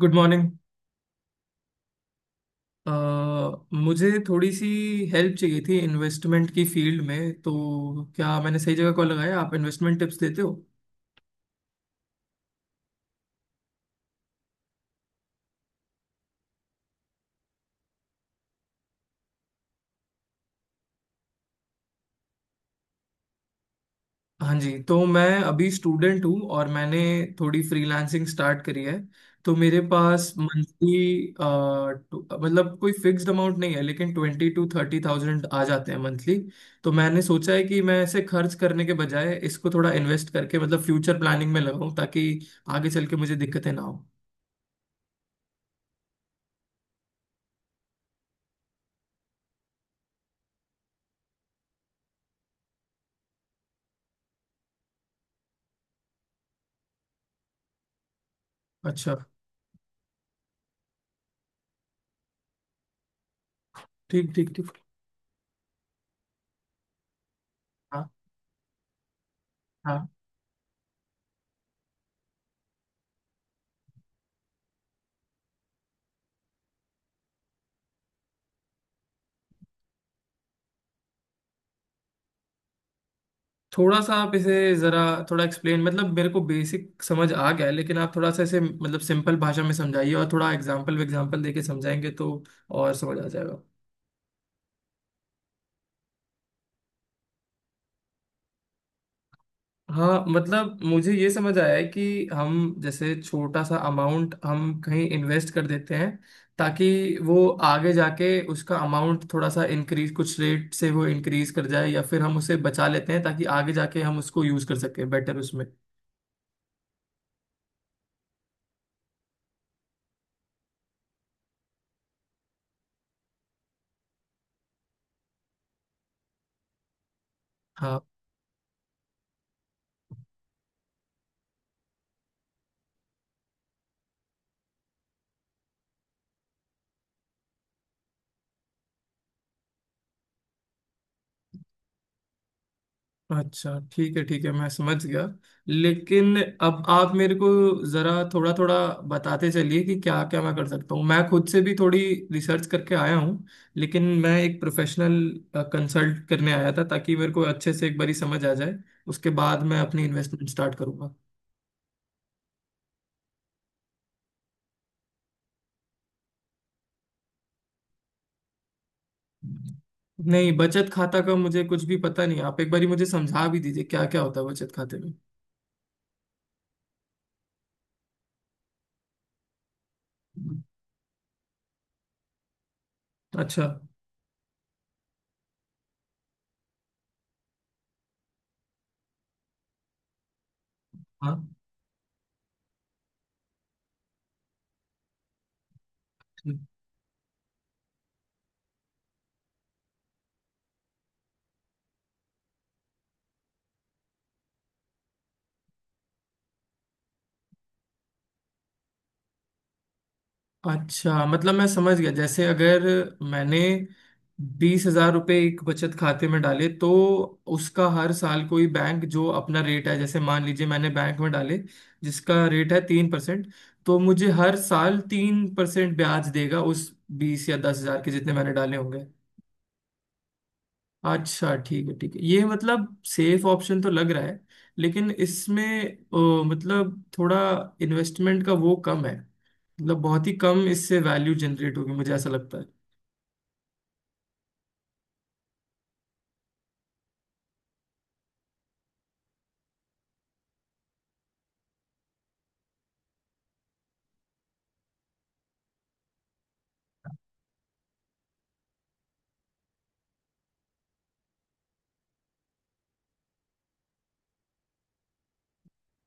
Good morning. मुझे थोड़ी सी हेल्प चाहिए थी इन्वेस्टमेंट की फील्ड में, तो क्या मैंने सही जगह कॉल लगाया? आप इन्वेस्टमेंट टिप्स देते हो? हाँ जी, तो मैं अभी स्टूडेंट हूँ और मैंने थोड़ी फ्रीलांसिंग स्टार्ट करी है। तो मेरे पास मंथली मतलब कोई फिक्स्ड अमाउंट नहीं है, लेकिन 22-30 हज़ार आ जाते हैं मंथली। तो मैंने सोचा है कि मैं ऐसे खर्च करने के बजाय इसको थोड़ा इन्वेस्ट करके मतलब फ्यूचर प्लानिंग में लगाऊं, ताकि आगे चल के मुझे दिक्कतें ना हो। अच्छा। ठीक ठीक ठीक। हाँ हाँ। थोड़ा सा आप इसे जरा थोड़ा एक्सप्लेन, मतलब मेरे को बेसिक समझ आ गया है, लेकिन आप थोड़ा सा इसे मतलब सिंपल भाषा में समझाइए और थोड़ा एग्जाम्पल एग्जाम्पल देके समझाएंगे तो और समझ आ जाएगा। हाँ मतलब मुझे ये समझ आया है कि हम जैसे छोटा सा अमाउंट हम कहीं इन्वेस्ट कर देते हैं, ताकि वो आगे जाके उसका अमाउंट थोड़ा सा इंक्रीज, कुछ रेट से वो इंक्रीज कर जाए या फिर हम उसे बचा लेते हैं ताकि आगे जाके हम उसको यूज कर सकें बेटर उसमें। हाँ। अच्छा ठीक है मैं समझ गया। लेकिन अब आप मेरे को जरा थोड़ा थोड़ा बताते चलिए कि क्या क्या मैं कर सकता हूँ। मैं खुद से भी थोड़ी रिसर्च करके आया हूँ, लेकिन मैं एक प्रोफेशनल कंसल्ट करने आया था ताकि मेरे को अच्छे से एक बारी समझ आ जाए। उसके बाद मैं अपनी इन्वेस्टमेंट स्टार्ट करूंगा। नहीं, बचत खाता का मुझे कुछ भी पता नहीं। आप एक बारी मुझे समझा भी दीजिए क्या क्या होता है बचत खाते में। अच्छा। हाँ। अच्छा मतलब मैं समझ गया, जैसे अगर मैंने 20 हज़ार रुपये एक बचत खाते में डाले, तो उसका हर साल कोई बैंक जो अपना रेट है, जैसे मान लीजिए मैंने बैंक में डाले जिसका रेट है 3%, तो मुझे हर साल 3% ब्याज देगा उस 20 या 10 हज़ार के, जितने मैंने डाले होंगे। अच्छा ठीक है ये मतलब सेफ ऑप्शन तो लग रहा है। लेकिन इसमें मतलब थोड़ा इन्वेस्टमेंट का वो कम है, मतलब बहुत ही कम, इससे वैल्यू जनरेट होगी, मुझे ऐसा लगता है।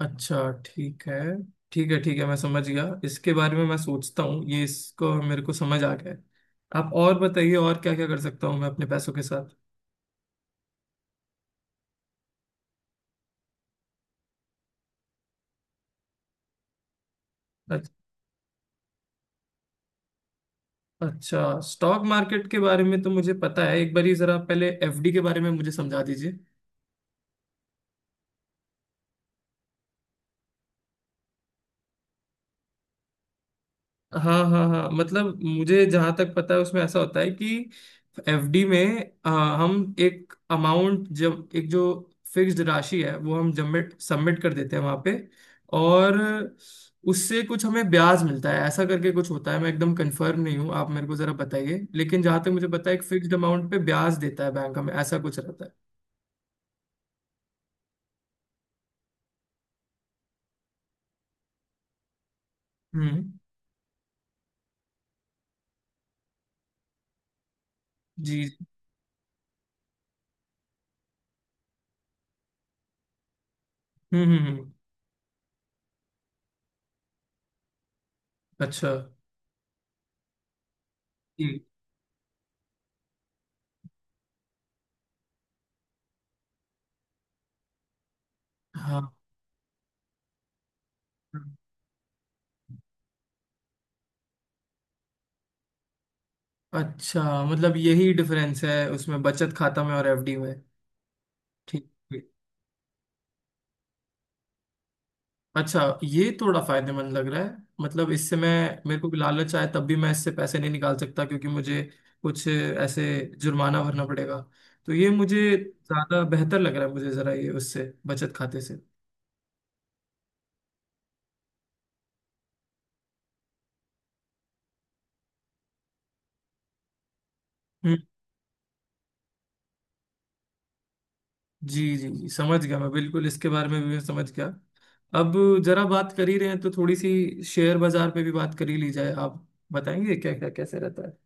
अच्छा ठीक है ठीक है ठीक है मैं समझ गया। इसके बारे में मैं सोचता हूँ ये इसको मेरे को समझ आ गया है। आप और बताइए और क्या क्या कर सकता हूँ मैं अपने पैसों के साथ। अच- अच्छा। स्टॉक मार्केट के बारे में तो मुझे पता है, एक बार ही जरा पहले एफडी के बारे में मुझे समझा दीजिए। हाँ हाँ हाँ, मतलब मुझे जहां तक पता है उसमें ऐसा होता है कि एफडी में हम एक अमाउंट, जब एक जो फिक्स्ड राशि है वो हम सबमिट सबमिट कर देते हैं वहां पे और उससे कुछ हमें ब्याज मिलता है, ऐसा करके कुछ होता है। मैं एकदम कंफर्म नहीं हूँ, आप मेरे को जरा बताइए। लेकिन जहां तक मुझे पता है एक फिक्स्ड अमाउंट पे ब्याज देता है बैंक हमें, ऐसा कुछ रहता है। हम्म जी। हम्म। अच्छा। जी। हाँ। अच्छा मतलब यही डिफरेंस है उसमें बचत खाता में और एफडी में? ठीक ठीक। अच्छा ये थोड़ा फायदेमंद लग रहा है, मतलब इससे मैं मेरे को भी लालच आए तब भी मैं इससे पैसे नहीं निकाल सकता क्योंकि मुझे कुछ ऐसे जुर्माना भरना पड़ेगा। तो ये मुझे ज्यादा बेहतर लग रहा है मुझे, जरा ये उससे बचत खाते से। हम्म। जी जी जी, समझ गया मैं बिल्कुल, इसके बारे में भी मैं समझ गया। अब जरा बात कर ही रहे हैं तो थोड़ी सी शेयर बाजार पे भी बात कर ही ली जाए। आप बताएंगे क्या क्या कैसे रहता है?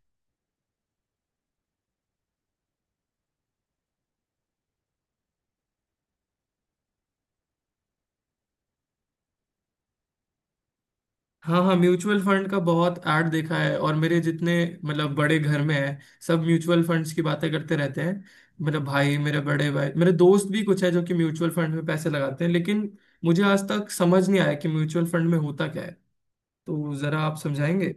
हाँ हाँ, म्यूचुअल फंड का बहुत ऐड देखा है और मेरे जितने मतलब बड़े घर में है सब म्यूचुअल फंड्स की बातें करते रहते हैं। मेरा भाई, मेरे बड़े भाई, मेरे दोस्त भी कुछ है जो कि म्यूचुअल फंड में पैसे लगाते हैं, लेकिन मुझे आज तक समझ नहीं आया कि म्यूचुअल फंड में होता क्या है, तो जरा आप समझाएंगे।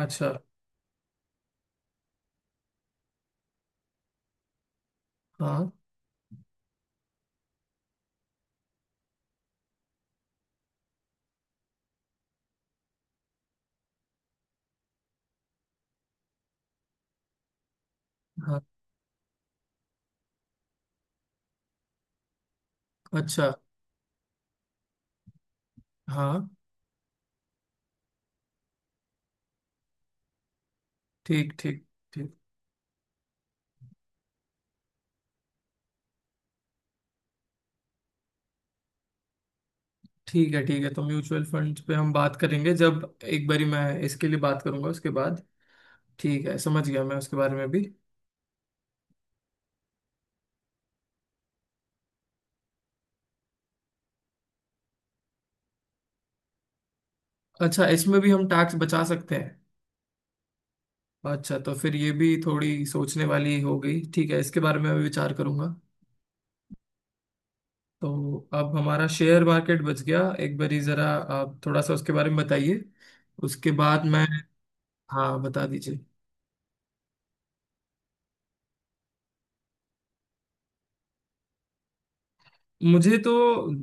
अच्छा। हाँ। हाँ। अच्छा। हाँ। ठीक। ठीक ठीक। ठीक है ठीक है, तो म्यूचुअल फंड पे हम बात करेंगे जब एक बारी मैं इसके लिए बात करूंगा उसके बाद। ठीक है, समझ गया मैं उसके बारे में भी। अच्छा, इसमें भी हम टैक्स बचा सकते हैं? अच्छा, तो फिर ये भी थोड़ी सोचने वाली हो गई। ठीक है, इसके बारे में मैं विचार करूंगा। तो अब हमारा शेयर मार्केट बच गया, एक बारी जरा आप थोड़ा सा उसके बारे में बताइए। उसके बाद मैं हाँ बता दीजिए। मुझे तो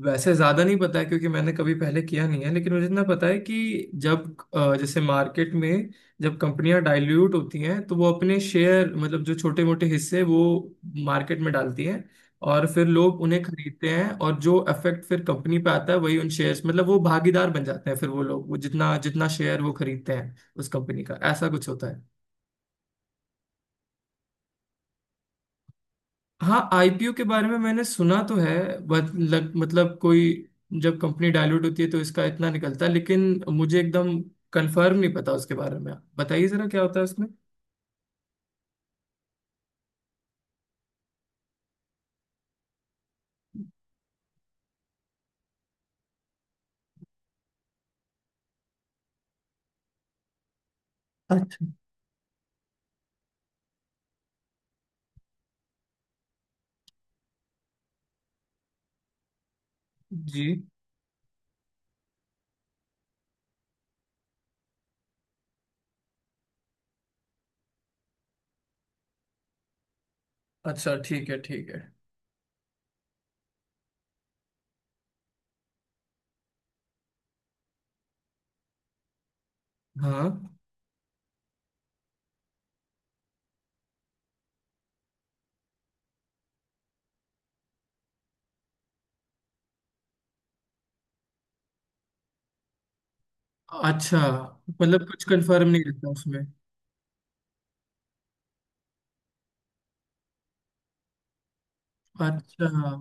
वैसे ज्यादा नहीं पता है क्योंकि मैंने कभी पहले किया नहीं है, लेकिन मुझे इतना पता है कि जब जैसे मार्केट में जब कंपनियां डाइल्यूट होती हैं तो वो अपने शेयर, मतलब जो छोटे मोटे हिस्से वो मार्केट में डालती हैं और फिर लोग उन्हें खरीदते हैं और जो इफेक्ट फिर कंपनी पे आता है वही, उन शेयर्स मतलब वो भागीदार बन जाते हैं फिर वो लोग, वो जितना जितना शेयर वो खरीदते हैं उस कंपनी का, ऐसा कुछ होता है। हाँ आईपीओ के बारे में मैंने सुना तो है, बट मतलब कोई जब कंपनी डायल्यूट होती है तो इसका इतना निकलता है, लेकिन मुझे एकदम कंफर्म नहीं पता उसके बारे में। आप बताइए जरा क्या होता है उसमें। अच्छा। जी। अच्छा। ठीक है ठीक है। हाँ। अच्छा मतलब कुछ कंफर्म नहीं रहता उसमें? अच्छा। हाँ।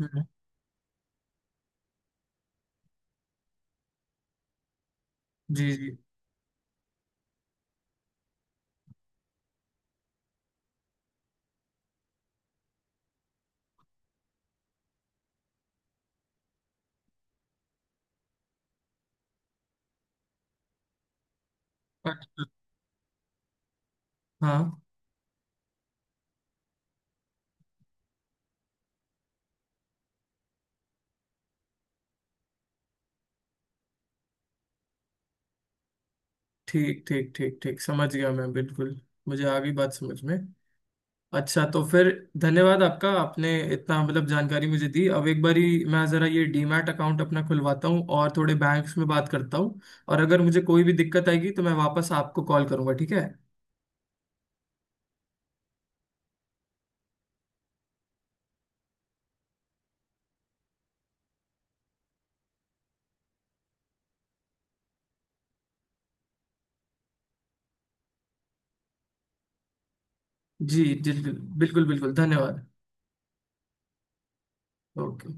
हम्म, जी जी। अच्छा। हाँ। ठीक ठीक ठीक ठीक, समझ गया मैं बिल्कुल, मुझे आ गई बात समझ में। अच्छा, तो फिर धन्यवाद आपका, आपने इतना मतलब जानकारी मुझे दी। अब एक बारी मैं ज़रा ये डीमैट अकाउंट अपना खुलवाता हूँ और थोड़े बैंक्स में बात करता हूँ, और अगर मुझे कोई भी दिक्कत आएगी तो मैं वापस आपको कॉल करूँगा, ठीक है? जी जी बिल्कुल बिल्कुल धन्यवाद। ओके।